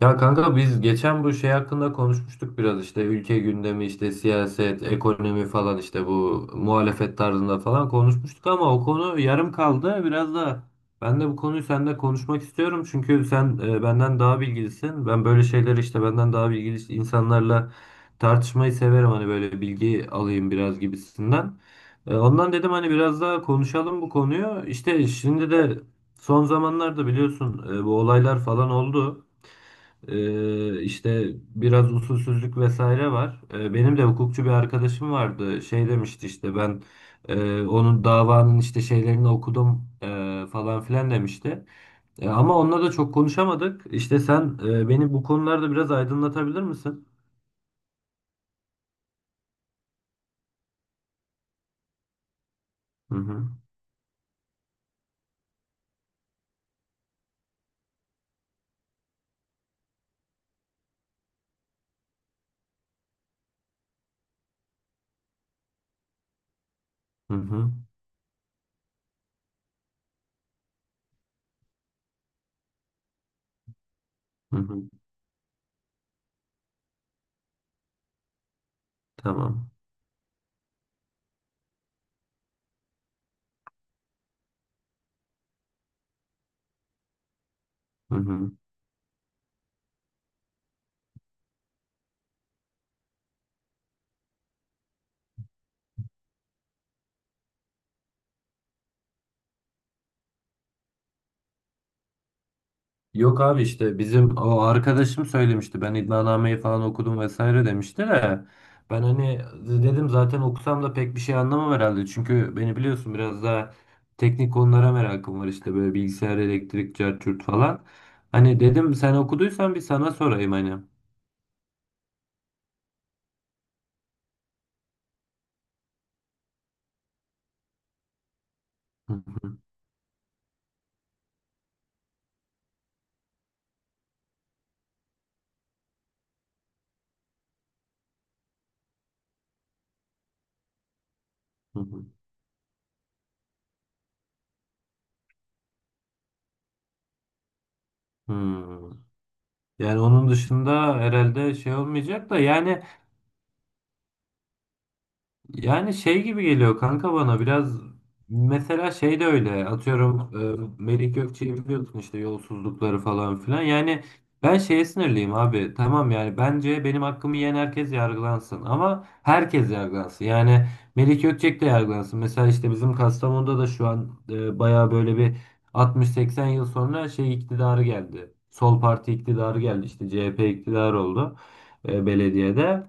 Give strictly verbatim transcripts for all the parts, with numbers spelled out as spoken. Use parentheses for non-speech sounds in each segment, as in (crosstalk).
Ya kanka biz geçen bu şey hakkında konuşmuştuk biraz işte ülke gündemi işte siyaset, ekonomi falan işte bu muhalefet tarzında falan konuşmuştuk ama o konu yarım kaldı. Biraz da ben de bu konuyu seninle konuşmak istiyorum çünkü sen e, benden daha bilgilisin. Ben böyle şeyleri işte benden daha bilgili insanlarla tartışmayı severim, hani böyle bilgi alayım biraz gibisinden. E, Ondan dedim, hani biraz daha konuşalım bu konuyu. İşte şimdi de son zamanlarda biliyorsun, e, bu olaylar falan oldu. Ee, işte biraz usulsüzlük vesaire var. Ee, benim de hukukçu bir arkadaşım vardı. Şey demişti, işte ben e, onun davanın işte şeylerini okudum e, falan filan demişti. E, ama onunla da çok konuşamadık. İşte sen e, beni bu konularda biraz aydınlatabilir misin? Hı hı. Hı hı. Hı hı. Tamam. Hı hı. Yok abi, işte bizim o arkadaşım söylemişti. Ben iddianameyi falan okudum vesaire demişti de, ben hani dedim zaten okusam da pek bir şey anlamam herhalde. Çünkü beni biliyorsun, biraz daha teknik konulara merakım var, işte böyle bilgisayar, elektrik, cart curt falan. Hani dedim sen okuduysan bir sana sorayım hani. (laughs) Hı hı. Hmm. Yani onun dışında herhalde şey olmayacak da, yani yani şey gibi geliyor kanka bana biraz, mesela şey de öyle, atıyorum, e, Melih Gökçe'yi biliyorsun işte, yolsuzlukları falan filan. Yani ben şeye sinirliyim abi, tamam, yani bence benim hakkımı yiyen herkes yargılansın ama herkes yargılansın yani. Melih Gökçek de yargılansın mesela, işte bizim Kastamonu'da da şu an e, baya böyle bir altmış seksen yıl sonra şey iktidarı geldi, Sol Parti iktidarı geldi, işte C H P iktidarı oldu e, belediyede.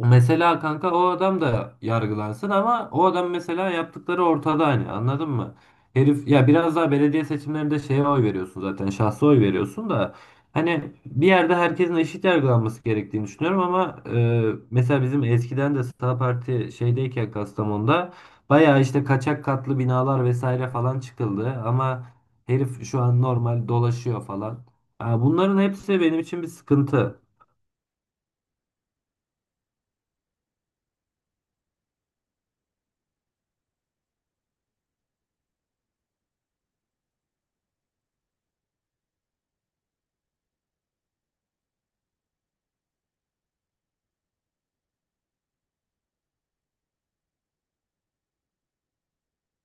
Mesela kanka o adam da yargılansın ama o adam mesela, yaptıkları ortada, hani anladın mı? Herif ya, biraz daha belediye seçimlerinde şeye oy veriyorsun, zaten şahsa oy veriyorsun da hani bir yerde herkesin eşit yargılanması gerektiğini düşünüyorum ama e, mesela bizim eskiden de Sağ Parti şeydeyken Kastamonu'da bayağı işte kaçak katlı binalar vesaire falan çıkıldı ama herif şu an normal dolaşıyor falan. Ha, bunların hepsi benim için bir sıkıntı.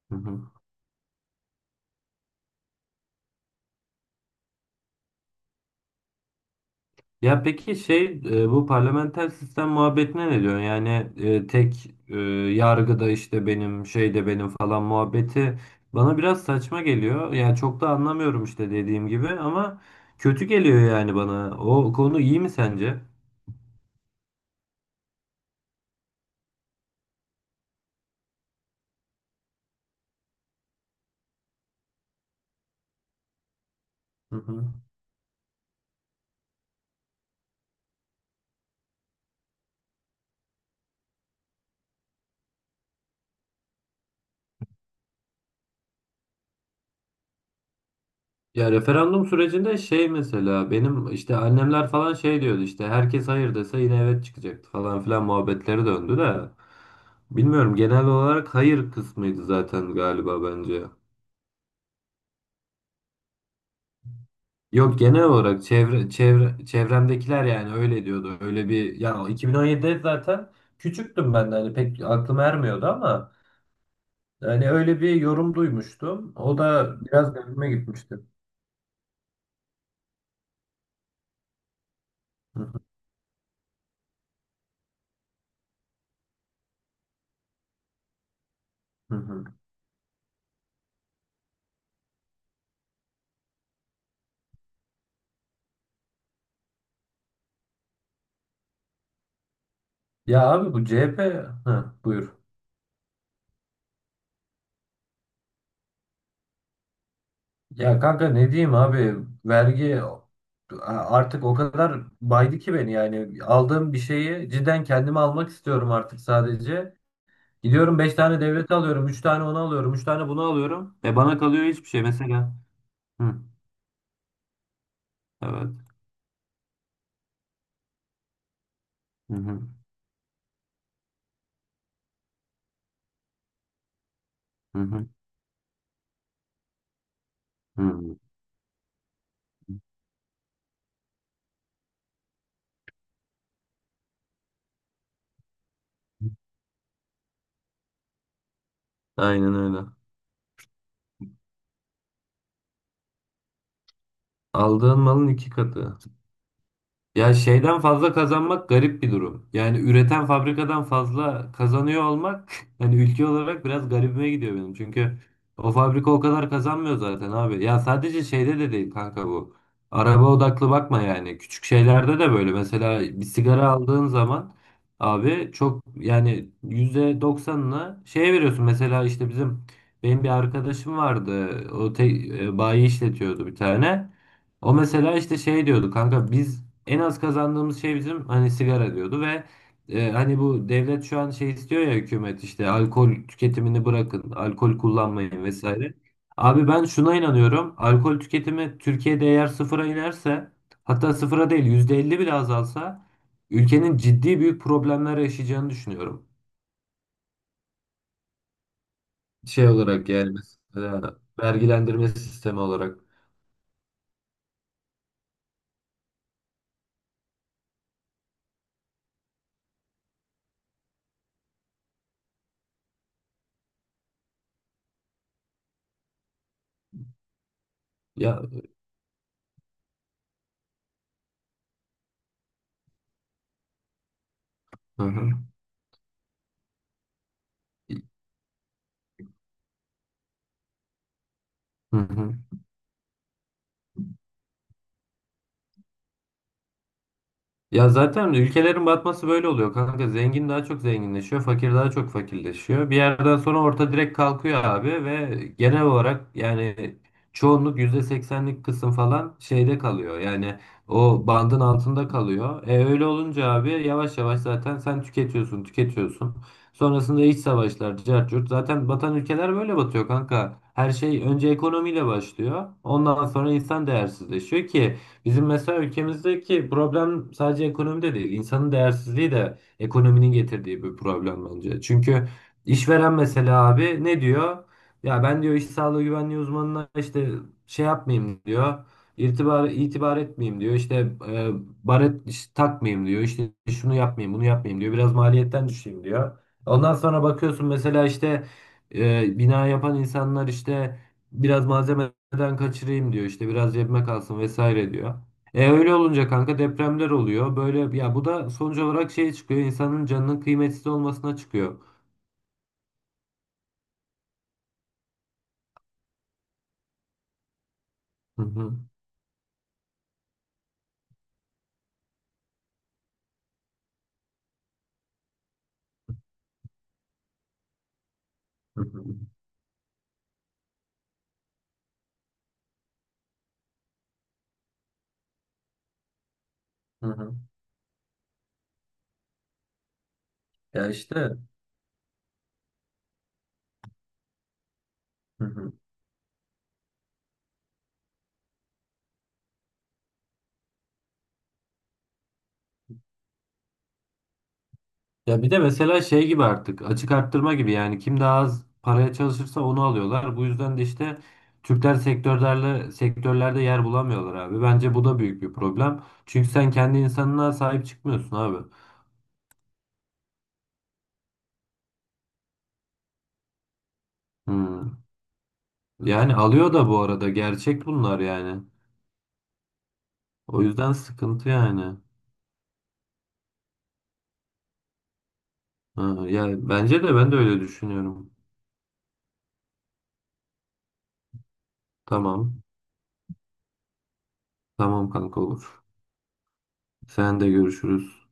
Hı hı. Ya peki şey, e, bu parlamenter sistem muhabbetine ne diyorsun? Yani e, tek, e, yargıda işte benim şey de benim falan muhabbeti bana biraz saçma geliyor. Yani çok da anlamıyorum işte, dediğim gibi, ama kötü geliyor yani bana. O konu iyi mi sence? Hı hı. Ya referandum sürecinde şey, mesela benim işte annemler falan şey diyordu, işte herkes hayır dese yine evet çıkacaktı falan filan muhabbetleri döndü de. Bilmiyorum, genel olarak hayır kısmıydı zaten galiba bence. Yok, genel olarak çevre, çevre, çevremdekiler yani öyle diyordu. Öyle bir, ya iki bin on yedide zaten küçüktüm ben de, hani pek aklım ermiyordu ama hani öyle bir yorum duymuştum. O da biraz garibime gitmişti. Hı hı. Hı hı. Ya abi bu C H P, hı, buyur. Ya kanka ne diyeyim abi, vergi artık o kadar baydı ki beni, yani aldığım bir şeyi cidden kendime almak istiyorum artık, sadece. Gidiyorum, beş tane devleti alıyorum. Üç tane onu alıyorum. Üç tane bunu alıyorum. E bana kalıyor hiçbir şey. Mesela. Hı, evet. Hı hı. Hı hı. Hı. Aynen öyle. Aldığın malın iki katı. Ya şeyden fazla kazanmak garip bir durum. Yani üreten fabrikadan fazla kazanıyor olmak (laughs) hani ülke olarak biraz garibime gidiyor benim. Çünkü o fabrika o kadar kazanmıyor zaten abi. Ya sadece şeyde de değil kanka bu. Araba odaklı bakma yani. Küçük şeylerde de böyle. Mesela bir sigara aldığın zaman abi, çok yani yüzde doksanına şey veriyorsun. Mesela işte bizim, benim bir arkadaşım vardı. O te, e, bayi işletiyordu bir tane. O mesela işte şey diyordu kanka, biz en az kazandığımız şey bizim hani sigara diyordu ve e, hani bu devlet şu an şey istiyor ya, hükümet işte alkol tüketimini bırakın, alkol kullanmayın vesaire. Abi ben şuna inanıyorum. Alkol tüketimi Türkiye'de eğer sıfıra inerse, hatta sıfıra değil, yüzde elli bile azalsa ülkenin ciddi büyük problemler yaşayacağını düşünüyorum. Şey olarak yani, mesela vergilendirme sistemi olarak. Ya hı hı. Hı hı. Ya zaten ülkelerin batması böyle oluyor kanka. Zengin daha çok zenginleşiyor, fakir daha çok fakirleşiyor. Bir yerden sonra orta direkt kalkıyor abi ve genel olarak yani çoğunluk yüzde seksenlik kısım falan şeyde kalıyor. Yani o bandın altında kalıyor. E öyle olunca abi, yavaş yavaş zaten sen tüketiyorsun, tüketiyorsun. Sonrasında iç savaşlar, cart curt. Zaten batan ülkeler böyle batıyor kanka. Her şey önce ekonomiyle başlıyor. Ondan sonra insan değersizleşiyor ki bizim mesela ülkemizdeki problem sadece ekonomi de değil. İnsanın değersizliği de ekonominin getirdiği bir problem bence. Çünkü işveren mesela abi ne diyor? Ya ben diyor, iş sağlığı güvenliği uzmanına işte şey yapmayayım diyor. İtibar, itibar etmeyeyim diyor. İşte e, baret iş- takmayayım diyor. İşte şunu yapmayayım, bunu yapmayayım diyor. Biraz maliyetten düşeyim diyor. Ondan sonra bakıyorsun, mesela işte e, bina yapan insanlar, işte biraz malzemeden kaçırayım diyor, işte biraz cebime kalsın vesaire diyor. E öyle olunca kanka depremler oluyor. Böyle, ya bu da sonuç olarak şeye çıkıyor. İnsanın canının kıymetsiz olmasına çıkıyor. Hı hı. Hı hı. Hı hı. Ya işte. Hı hı. Ya bir de mesela şey gibi, artık açık arttırma gibi, yani kim daha az paraya çalışırsa onu alıyorlar. Bu yüzden de işte Türkler sektörlerle sektörlerde yer bulamıyorlar abi. Bence bu da büyük bir problem. Çünkü sen kendi insanına sahip çıkmıyorsun abi. Hı. Yani alıyor da bu arada, gerçek bunlar yani. O yüzden sıkıntı yani. Ha, ya bence de, ben de öyle düşünüyorum. Tamam. Tamam kanka, olur. Sen de görüşürüz.